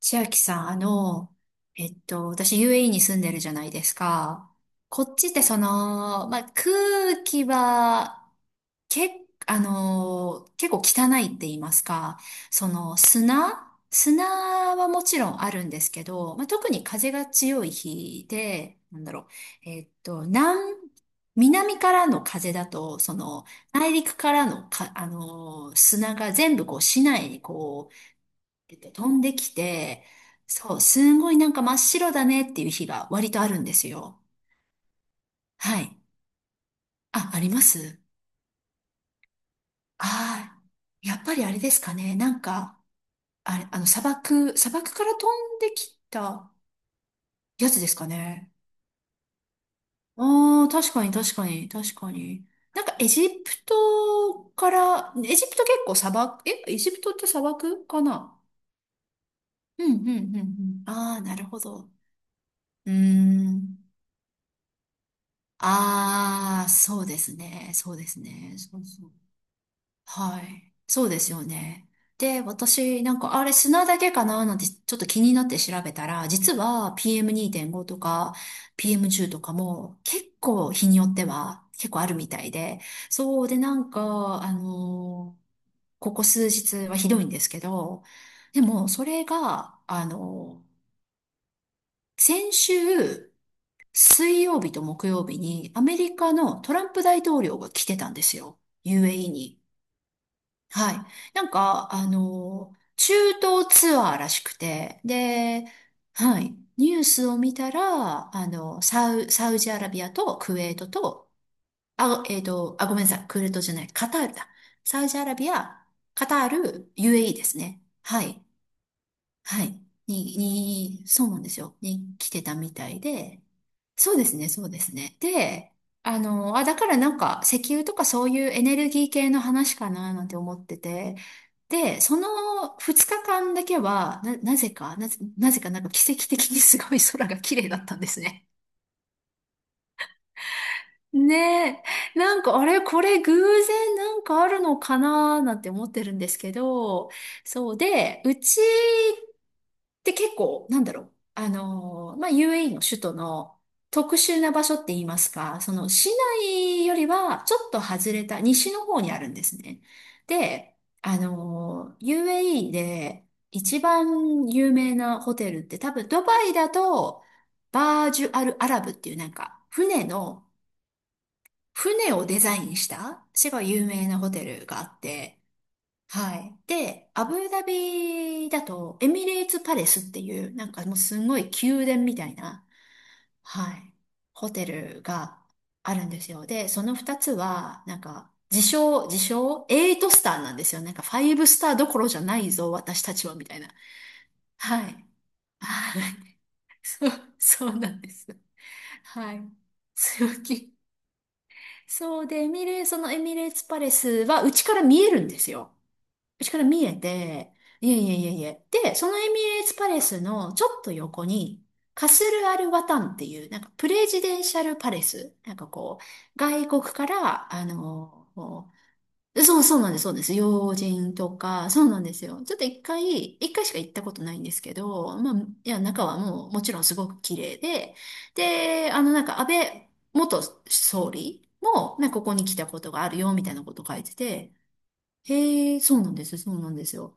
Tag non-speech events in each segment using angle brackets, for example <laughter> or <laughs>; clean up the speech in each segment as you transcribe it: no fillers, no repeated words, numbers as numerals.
千秋さん、私 UAE に住んでるじゃないですか。こっちってまあ、空気は、け、あの、結構汚いって言いますか、その砂はもちろんあるんですけど、まあ、特に風が強い日で、なんだろう、えっと、南、南からの風だと、内陸からのか、砂が全部こう市内にこう、て言って飛んできて、そう、すんごいなんか真っ白だねっていう日が割とあるんですよ。はい。あ、あります。ああ、やっぱりあれですかね。なんか、あれ、砂漠から飛んできたやつですかね。ああ、確かに確かに確かに。なんかエジプトから、エジプト結構砂漠、エジプトって砂漠かな。うんうんうんうん。ああ、なるほど。うーん。ああ、そうですね。そうですね。そうそう。はい。そうですよね。で、私、なんか、あれ砂だけかななんて、ちょっと気になって調べたら、実は PM2.5 とか PM10 とかも結構日によっては結構あるみたいで、そうで、なんか、ここ数日はひどいんですけど、でも、それが、先週、水曜日と木曜日にアメリカのトランプ大統領が来てたんですよ。UAE に。はい。なんか、中東ツアーらしくて、で、はい。ニュースを見たら、サウジアラビアとクウェートと、あ、あ、ごめんなさい。クウェートじゃない。カタールだ。サウジアラビア、カタール、UAE ですね。はい。はい。に、に、そうなんですよ。に来てたみたいで。そうですね、そうですね。で、あ、だからなんか石油とかそういうエネルギー系の話かななんて思ってて。で、その2日間だけは、なぜかなんか奇跡的にすごい空が綺麗だったんですね。ねえ、なんかあれ、これ偶然なんかあるのかなーなんて思ってるんですけど、そうで、うちで、結構、なんだろう。まあ、UAE の首都の特殊な場所って言いますか、その市内よりはちょっと外れた西の方にあるんですね。で、UAE で一番有名なホテルって多分ドバイだとバージュアルアラブっていうなんか船をデザインした、すごい有名なホテルがあって、はい。で、アブダビだと、エミレーツパレスっていう、なんかもうすんごい宮殿みたいな、はい、ホテルがあるんですよ。で、その二つは、なんか、自称、エイトスターなんですよ。なんか、ファイブスターどころじゃないぞ、私たちは、みたいな。はい。<laughs> はい。そう、そうなんです。はい。強気。そうで、エミレ、そのエミレーツパレスは、うちから見えるんですよ。うちから見えて、いえいえいえいえ。で、そのエミレーツパレスのちょっと横に、カスル・アル・ワタンっていう、なんかプレジデンシャル・パレス。なんかこう、外国から、こうそう、そうなんです、そうです。要人とか、そうなんですよ。ちょっと一回しか行ったことないんですけど、まあ、いや、中はもう、もちろんすごく綺麗で、で、なんか安倍元総理も、なんかここに来たことがあるよ、みたいなこと書いてて、へえ、そうなんです、そうなんですよ。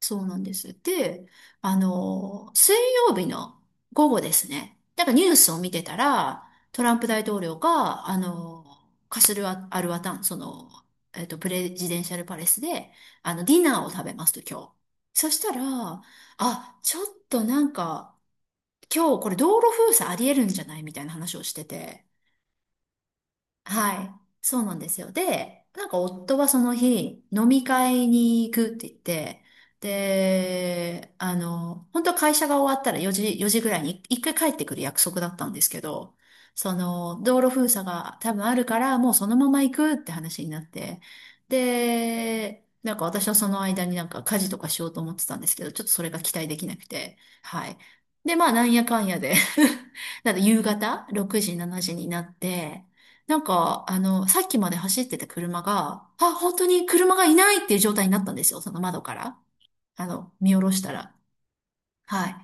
そうなんです。で、水曜日の午後ですね。なんかニュースを見てたら、トランプ大統領が、カスルア、アルワタン、プレジデンシャルパレスで、ディナーを食べますと、今日。そしたら、あ、ちょっとなんか、今日これ道路封鎖ありえるんじゃないみたいな話をしてて。はい。そうなんですよ。で、なんか夫はその日、飲み会に行くって言って、で、本当は会社が終わったら4時ぐらいに一回帰ってくる約束だったんですけど、道路封鎖が多分あるから、もうそのまま行くって話になって、で、なんか私はその間になんか家事とかしようと思ってたんですけど、ちょっとそれが期待できなくて、はい。で、まあ、なんやかんやで <laughs> なんか夕方6時、7時になって、なんか、さっきまで走ってた車が、あ、本当に車がいないっていう状態になったんですよ。その窓から。見下ろしたら。はい。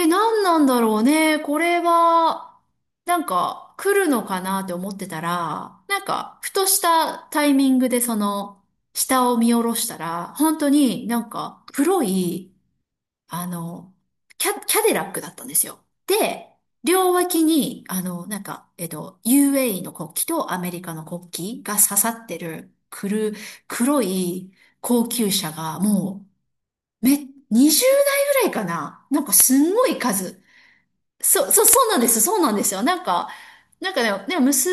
え、何なんだろうね。これは、なんか、来るのかなって思ってたら、なんか、ふとしたタイミングで下を見下ろしたら、本当になんか、黒いあの、キャデラックだったんですよ。で、両脇に、なんか、UAE の国旗とアメリカの国旗が刺さってる、黒い高級車が、もう、20台ぐらいかななんかすんごい数。そう、そう、そうなんです、そうなんですよ。なんか、なんかね、でも、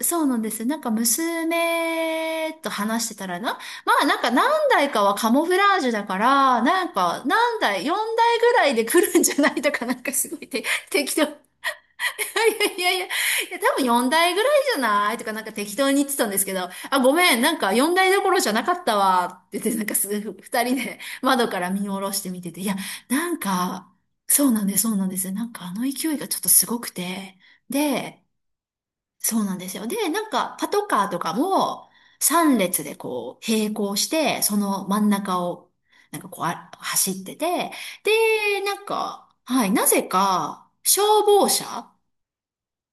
そうなんですよ。なんか娘と話してたらな。まあなんか何台かはカモフラージュだから、なんか4台ぐらいで来るんじゃないとか、なんかすごいて適当。<laughs> いやいやいやいや、多分4台ぐらいじゃないとか、なんか適当に言ってたんですけど、あ、ごめん、なんか4台どころじゃなかったわって言って、なんかす、2人で窓から見下ろして見てて、いや、なんか、そうなんです、そうなんです。なんかあの勢いがちょっとすごくて、で、そうなんですよ。で、なんか、パトカーとかも、3列でこう、並行して、その真ん中を、なんかこう、走ってて、で、なんか、はい、なぜか、消防車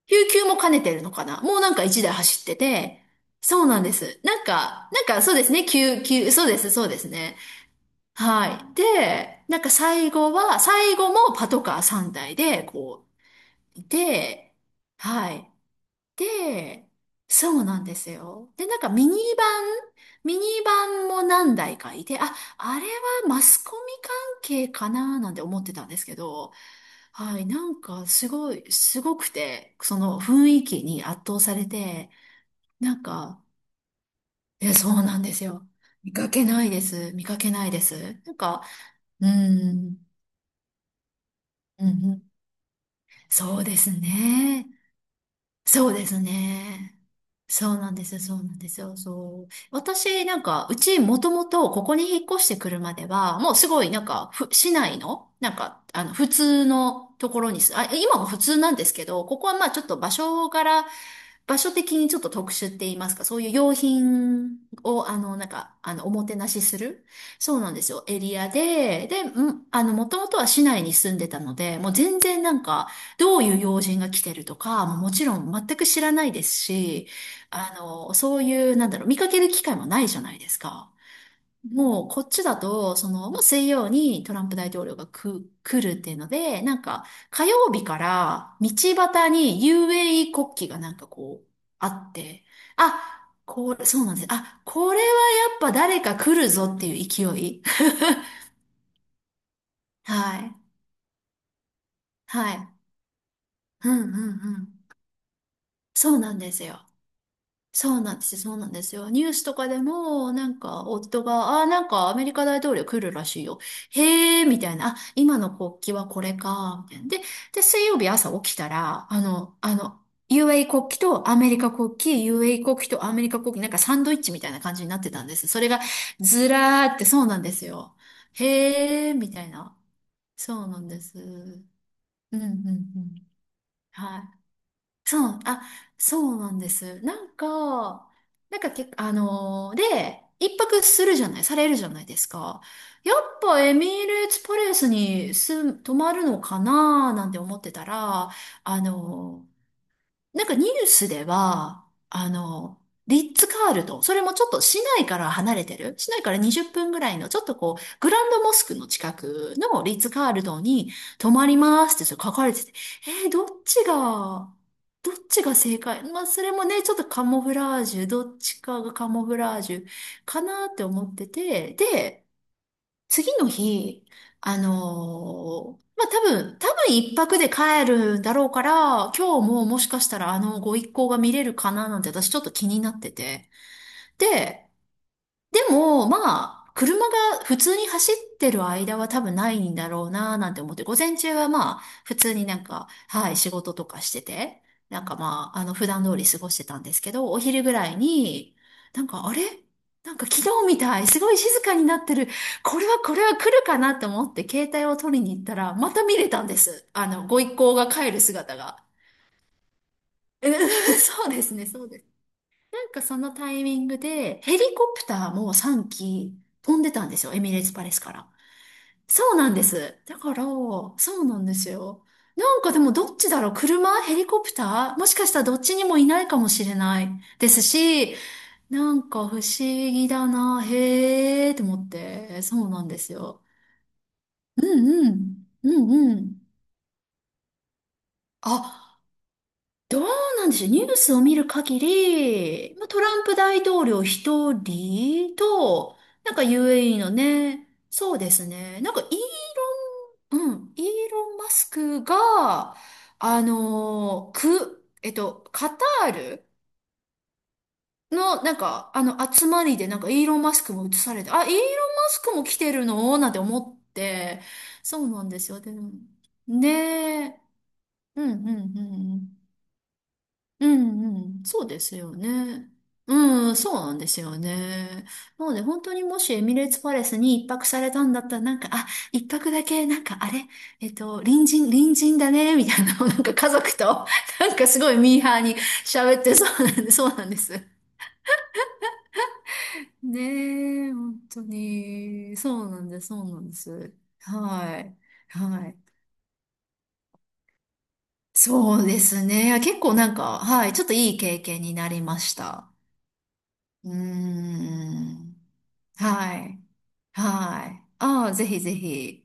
救急も兼ねてるのかなもうなんか1台走ってて、そうなんです。なんか、なんかそうですね、救急、そうです、そうですね。はい。で、なんか最後は、最後もパトカー3台で、こう、いて、はい。で、そうなんですよ。で、なんかミニバンも何台かいて、あ、あれはマスコミ関係かななんて思ってたんですけど、はい、なんかすごい、すごくて、その雰囲気に圧倒されて、なんか、そうなんですよ。見かけないです。見かけないです。なんか、うーん、うん、うん、そうですね。そうですね。そうなんですよ、そうなんですよ、そう。私、なんか、うち、もともと、ここに引っ越してくるまでは、もうすごい、なんか、市内の、なんか、あの、普通のところにあ、今も普通なんですけど、ここはまあ、ちょっと場所から、場所的にちょっと特殊って言いますか、そういう用品を、あの、なんか、あの、おもてなしする、そうなんですよ、エリアで、で、うん、あの、もともとは市内に住んでたので、もう全然なんか、どういう要人が来てるとか、もうもちろん全く知らないですし、あの、そういう、なんだろう、見かける機会もないじゃないですか。もう、こっちだと、その、もう水曜にトランプ大統領が来るっていうので、なんか、火曜日から道端に UAE 国旗がなんかこう、あって、あ、これ、そうなんです。あ、これはやっぱ誰か来るぞっていう勢い。<laughs> はい。はい。うんうんうん。そうなんですよ。そうなんですよ、そうなんですよ。ニュースとかでも、なんか、夫が、あーなんかアメリカ大統領来るらしいよ。へーみたいな、あ、今の国旗はこれか、みたいな。で、水曜日朝起きたら、あの、あの、u a 国旗とアメリカ国旗、u a 国旗とアメリカ国旗、なんかサンドイッチみたいな感じになってたんです。それが、ずらーってそうなんですよ。へーみたいな。そうなんです。うん、うん、うん。はい。そう、あ、そうなんです。なんか、なんかけあのーで、一泊するじゃない、されるじゃないですか。やっぱエミレーツパレスに泊まるのかなーなんて思ってたら、あのーなんかニュースでは、あの、リッツ・カールトン、それもちょっと市内から離れてる、市内から20分ぐらいの、ちょっとこう、グランドモスクの近くのリッツ・カールトンに泊まりますってそれ書かれてて、どっちが、どっちが正解まあ、それもね、ちょっとカモフラージュ、どっちかがカモフラージュかなって思ってて、で、次の日、まあ、多分一泊で帰るだろうから、今日ももしかしたらあのご一行が見れるかななんて私ちょっと気になってて。で、でも、まあ、車が普通に走ってる間は多分ないんだろうなーなんて思って、午前中はまあ、普通になんか、はい、仕事とかしてて、なんかまあ、あの、普段通り過ごしてたんですけど、お昼ぐらいに、なんか、あれなんか昨日みたい、すごい静かになってる。これはこれは来るかなと思って、携帯を取りに行ったら、また見れたんです。あの、ご一行が帰る姿が。え <laughs> そうですね、そうです。なんかそのタイミングで、ヘリコプターも3機飛んでたんですよ。エミレーツパレスから。そうなんです。だから、そうなんですよ。なんかでもどっちだろう車ヘリコプターもしかしたらどっちにもいないかもしれないですし、なんか不思議だな。へーって思って。そうなんですよ。うんうん。うんうん。あ、どうなんでしょう。ニュースを見る限り、まあ、トランプ大統領一人と、なんか UAE のね、そうですね。なんかイーロン、うん、イーロン・マスクが、あのーく、えっと、カタールの、なんか、あの、集まりで、なんかイーロン・マスクも映されて、あ、イーロン・マスクも来てるのなんて思って、そうなんですよ。でも、ねえ。うん、うん、うん。うんうん、そうですよね。うん、そうなんですよね。なので、本当にもしエミレーツパレスに一泊されたんだったら、なんか、あ、一泊だけ、なんか、あれ、隣人だね、みたいな、なんか家族と、<laughs> なんかすごいミーハーに喋って、そうなんです、そうなんです。ねえ、本当に、そうなんです、そうなんです。はい、はい。そうですね。結構なんか、はい、ちょっといい経験になりました。うーん。はい。はい。ああ、ぜひぜひ。